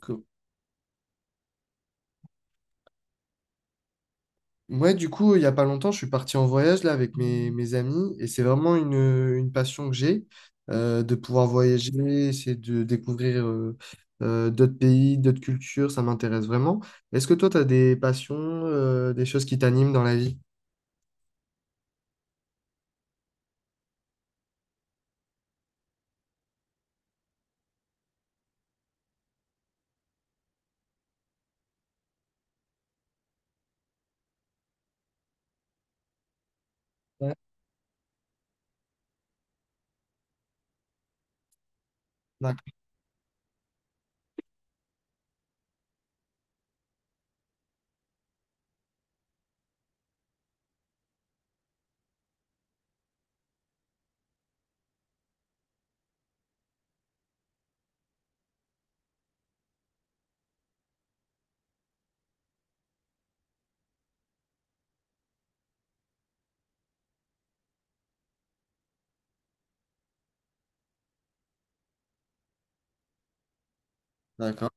Que- Ouais, du coup, il y a pas longtemps, je suis parti en voyage là avec mes amis et c'est vraiment une passion que j'ai de pouvoir voyager, essayer de découvrir d'autres pays, d'autres cultures, ça m'intéresse vraiment. Est-ce que toi, tu as des passions, des choses qui t'animent dans la vie? Ouais. D'ac- D'accord.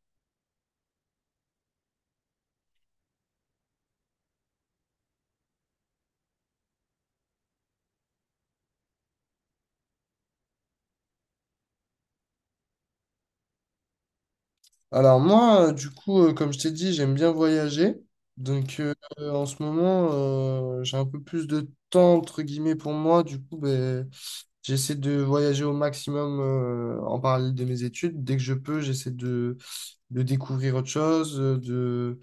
Alors moi, du coup, comme je t'ai dit, j'aime bien voyager. Donc euh, En ce moment, j'ai un peu plus de temps, entre guillemets, pour moi. Du coup, ben, j'essaie de voyager au maximum en parallèle de mes études. Dès que je peux, de découvrir autre chose, euh, de,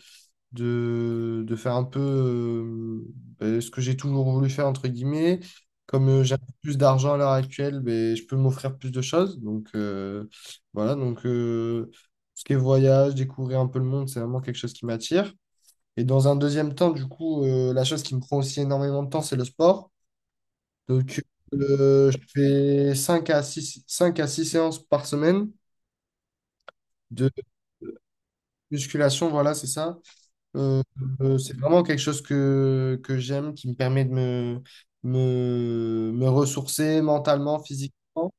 de, de faire un peu ce que j'ai toujours voulu faire, entre guillemets. Comme j'ai un peu plus d'argent à l'heure actuelle, ben, je peux m'offrir plus de choses. Voilà, donc euh, Ce qui est voyage, découvrir un peu le monde, c'est vraiment quelque chose qui m'attire. Et dans un deuxième temps, du coup, la chose qui me prend aussi énormément de temps, c'est le sport. Donc, je fais 5 à 6 séances par semaine de musculation, voilà, c'est ça. Euh, c'est vraiment quelque chose que j'aime, qui me permet de me ressourcer mentalement, physiquement.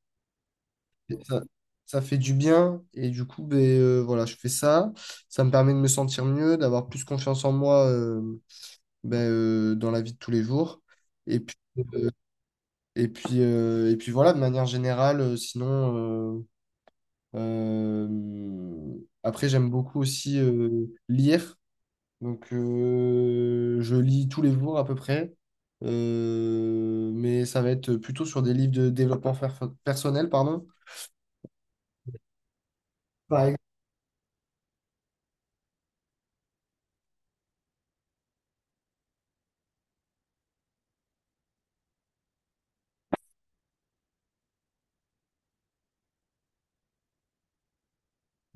Et ça fait du bien et du coup, ben, voilà, je fais ça. Ça me permet de me sentir mieux, d'avoir plus confiance en moi, dans la vie de tous les jours. Et puis, et puis voilà, de manière générale, Euh, après, j'aime beaucoup aussi lire. Donc, je lis tous les jours à peu près. Mais ça va être plutôt sur des livres de développement personnel, pardon. Par exemple,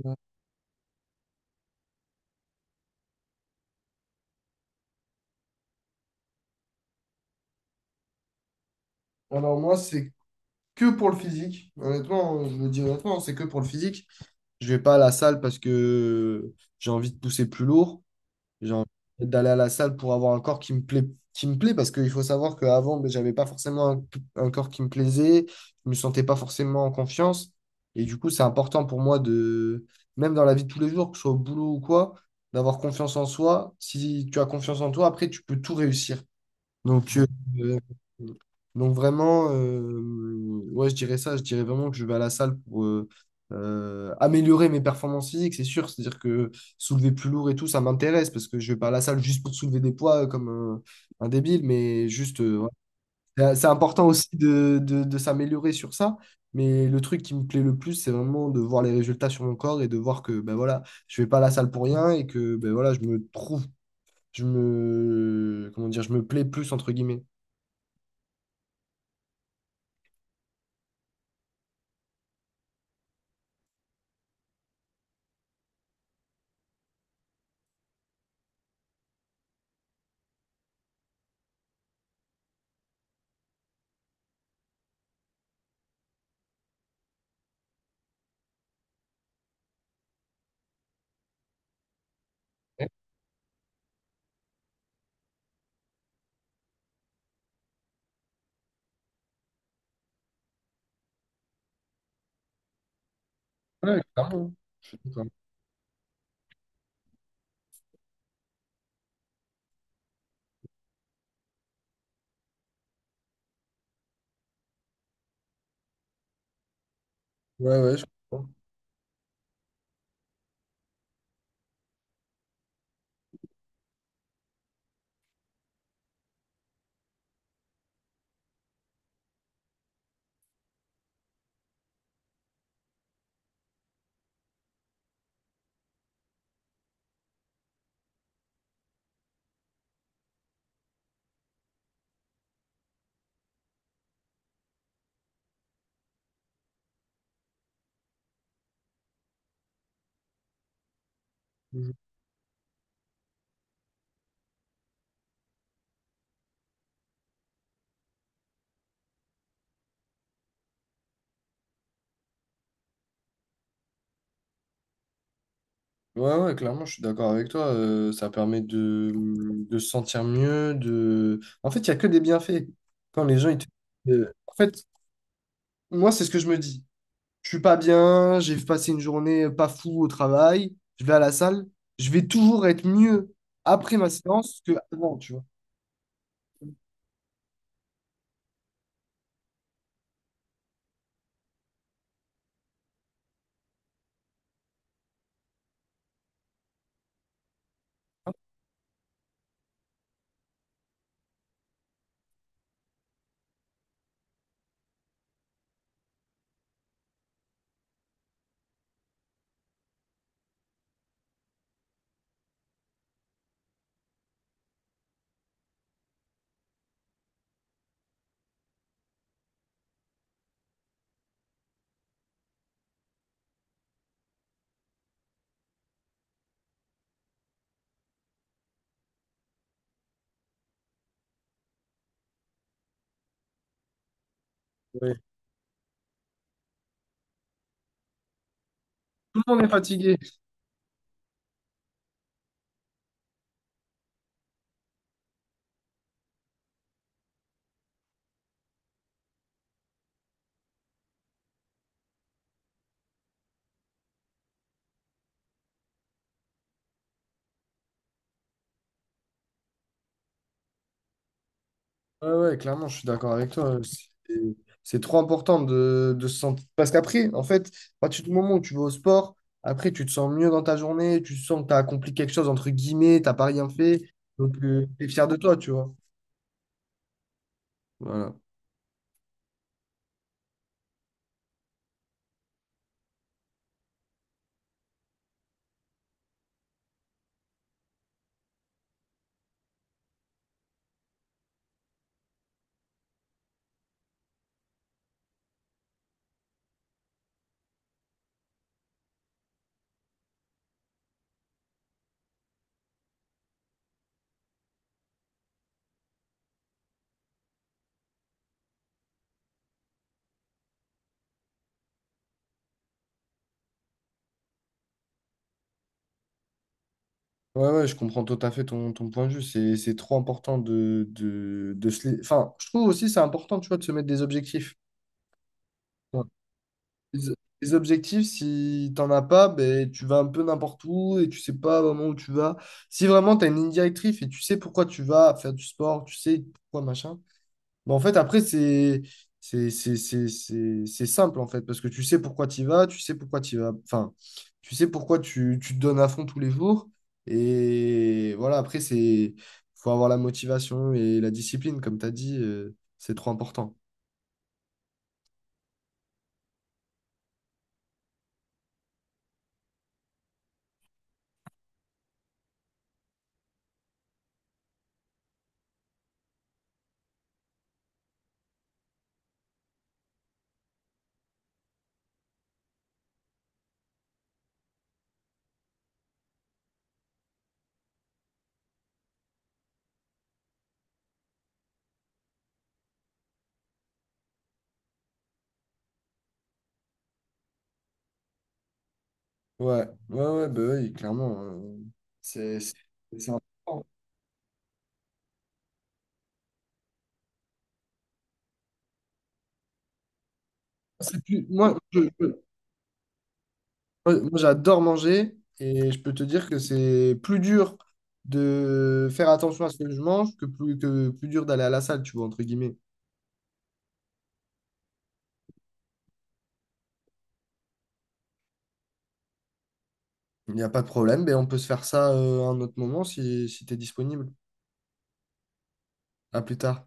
euh, alors moi, c'est que pour le physique. Honnêtement, je le dis honnêtement, c'est que pour le physique. Je vais pas à la salle parce que j'ai envie de pousser plus lourd. J'ai envie d'aller à la salle pour avoir un corps qui me plaît parce qu'il faut savoir qu'avant, ben, j'avais pas forcément un corps qui me plaisait, je me sentais pas forcément en confiance. Et du coup, c'est important pour moi de, même dans la vie de tous les jours, que ce soit au boulot ou quoi, d'avoir confiance en soi. Si tu as confiance en toi, après, tu peux tout réussir. Donc, euh, donc vraiment, ouais, je dirais ça. Je dirais vraiment que je vais à la salle pour améliorer mes performances physiques, c'est sûr. C'est-à-dire que soulever plus lourd et tout, ça m'intéresse parce que je vais pas à la salle juste pour soulever des poids comme un débile, mais juste, ouais. C'est important aussi de s'améliorer sur ça. Mais le truc qui me plaît le plus, c'est vraiment de voir les résultats sur mon corps et de voir que ben voilà, je vais pas à la salle pour rien et que ben voilà, je me trouve, je me, comment dire, je me plais plus entre guillemets. Ouais, clairement. Clairement. Ouais, ouais, je comprends. Je- Ouais, ouais, clairement, je suis d'accord avec toi. Ça permet de se sentir mieux, de... En fait, il n'y a que des bienfaits. Quand les gens, ils te... En fait, moi, c'est ce que je me dis. Je suis pas bien, j'ai passé une journée pas fou au travail, je vais à la salle, je vais toujours être mieux après ma séance que avant, tu vois. Oui. Tout le monde est fatigué. Ouais, ouais, clairement, je suis d'accord avec toi. C'est c'est trop important de se sentir. Parce qu'après, en fait, à partir du moment où tu vas au sport, après, tu te sens mieux dans ta journée, tu sens que tu as accompli quelque chose, entre guillemets, t'as pas rien fait. Donc, tu es fier de toi, tu vois. Voilà. Ouais, ouais, je comprends tout à fait ton point de vue. C'est trop important de se. Enfin, je trouve aussi c'est important, tu vois, de se mettre des objectifs. Les les objectifs, si t'en as pas, ben, tu vas un peu n'importe où et tu sais pas vraiment où tu vas. Si vraiment tu as une ligne directrice et tu sais pourquoi tu vas faire du sport, tu sais pourquoi machin, ben, en fait, après, c'est simple, en fait, parce que tu sais pourquoi tu vas, enfin, tu sais pourquoi tu, tu te donnes à fond tous les jours. Et voilà, après, c'est faut avoir la motivation et la discipline, comme tu as dit, c'est trop important. Ouais, ouais, ouais, bah oui, clairement. C'est c'est- c'est important. C'est plus, moi, je- moi, moi, j'adore manger et je peux te dire que c'est plus dur de faire attention à ce que je mange que plus dur d'aller à la salle, tu vois, entre guillemets. Il n'y a pas de problème, mais on peut se faire ça à un autre moment si, si tu es disponible. À plus tard.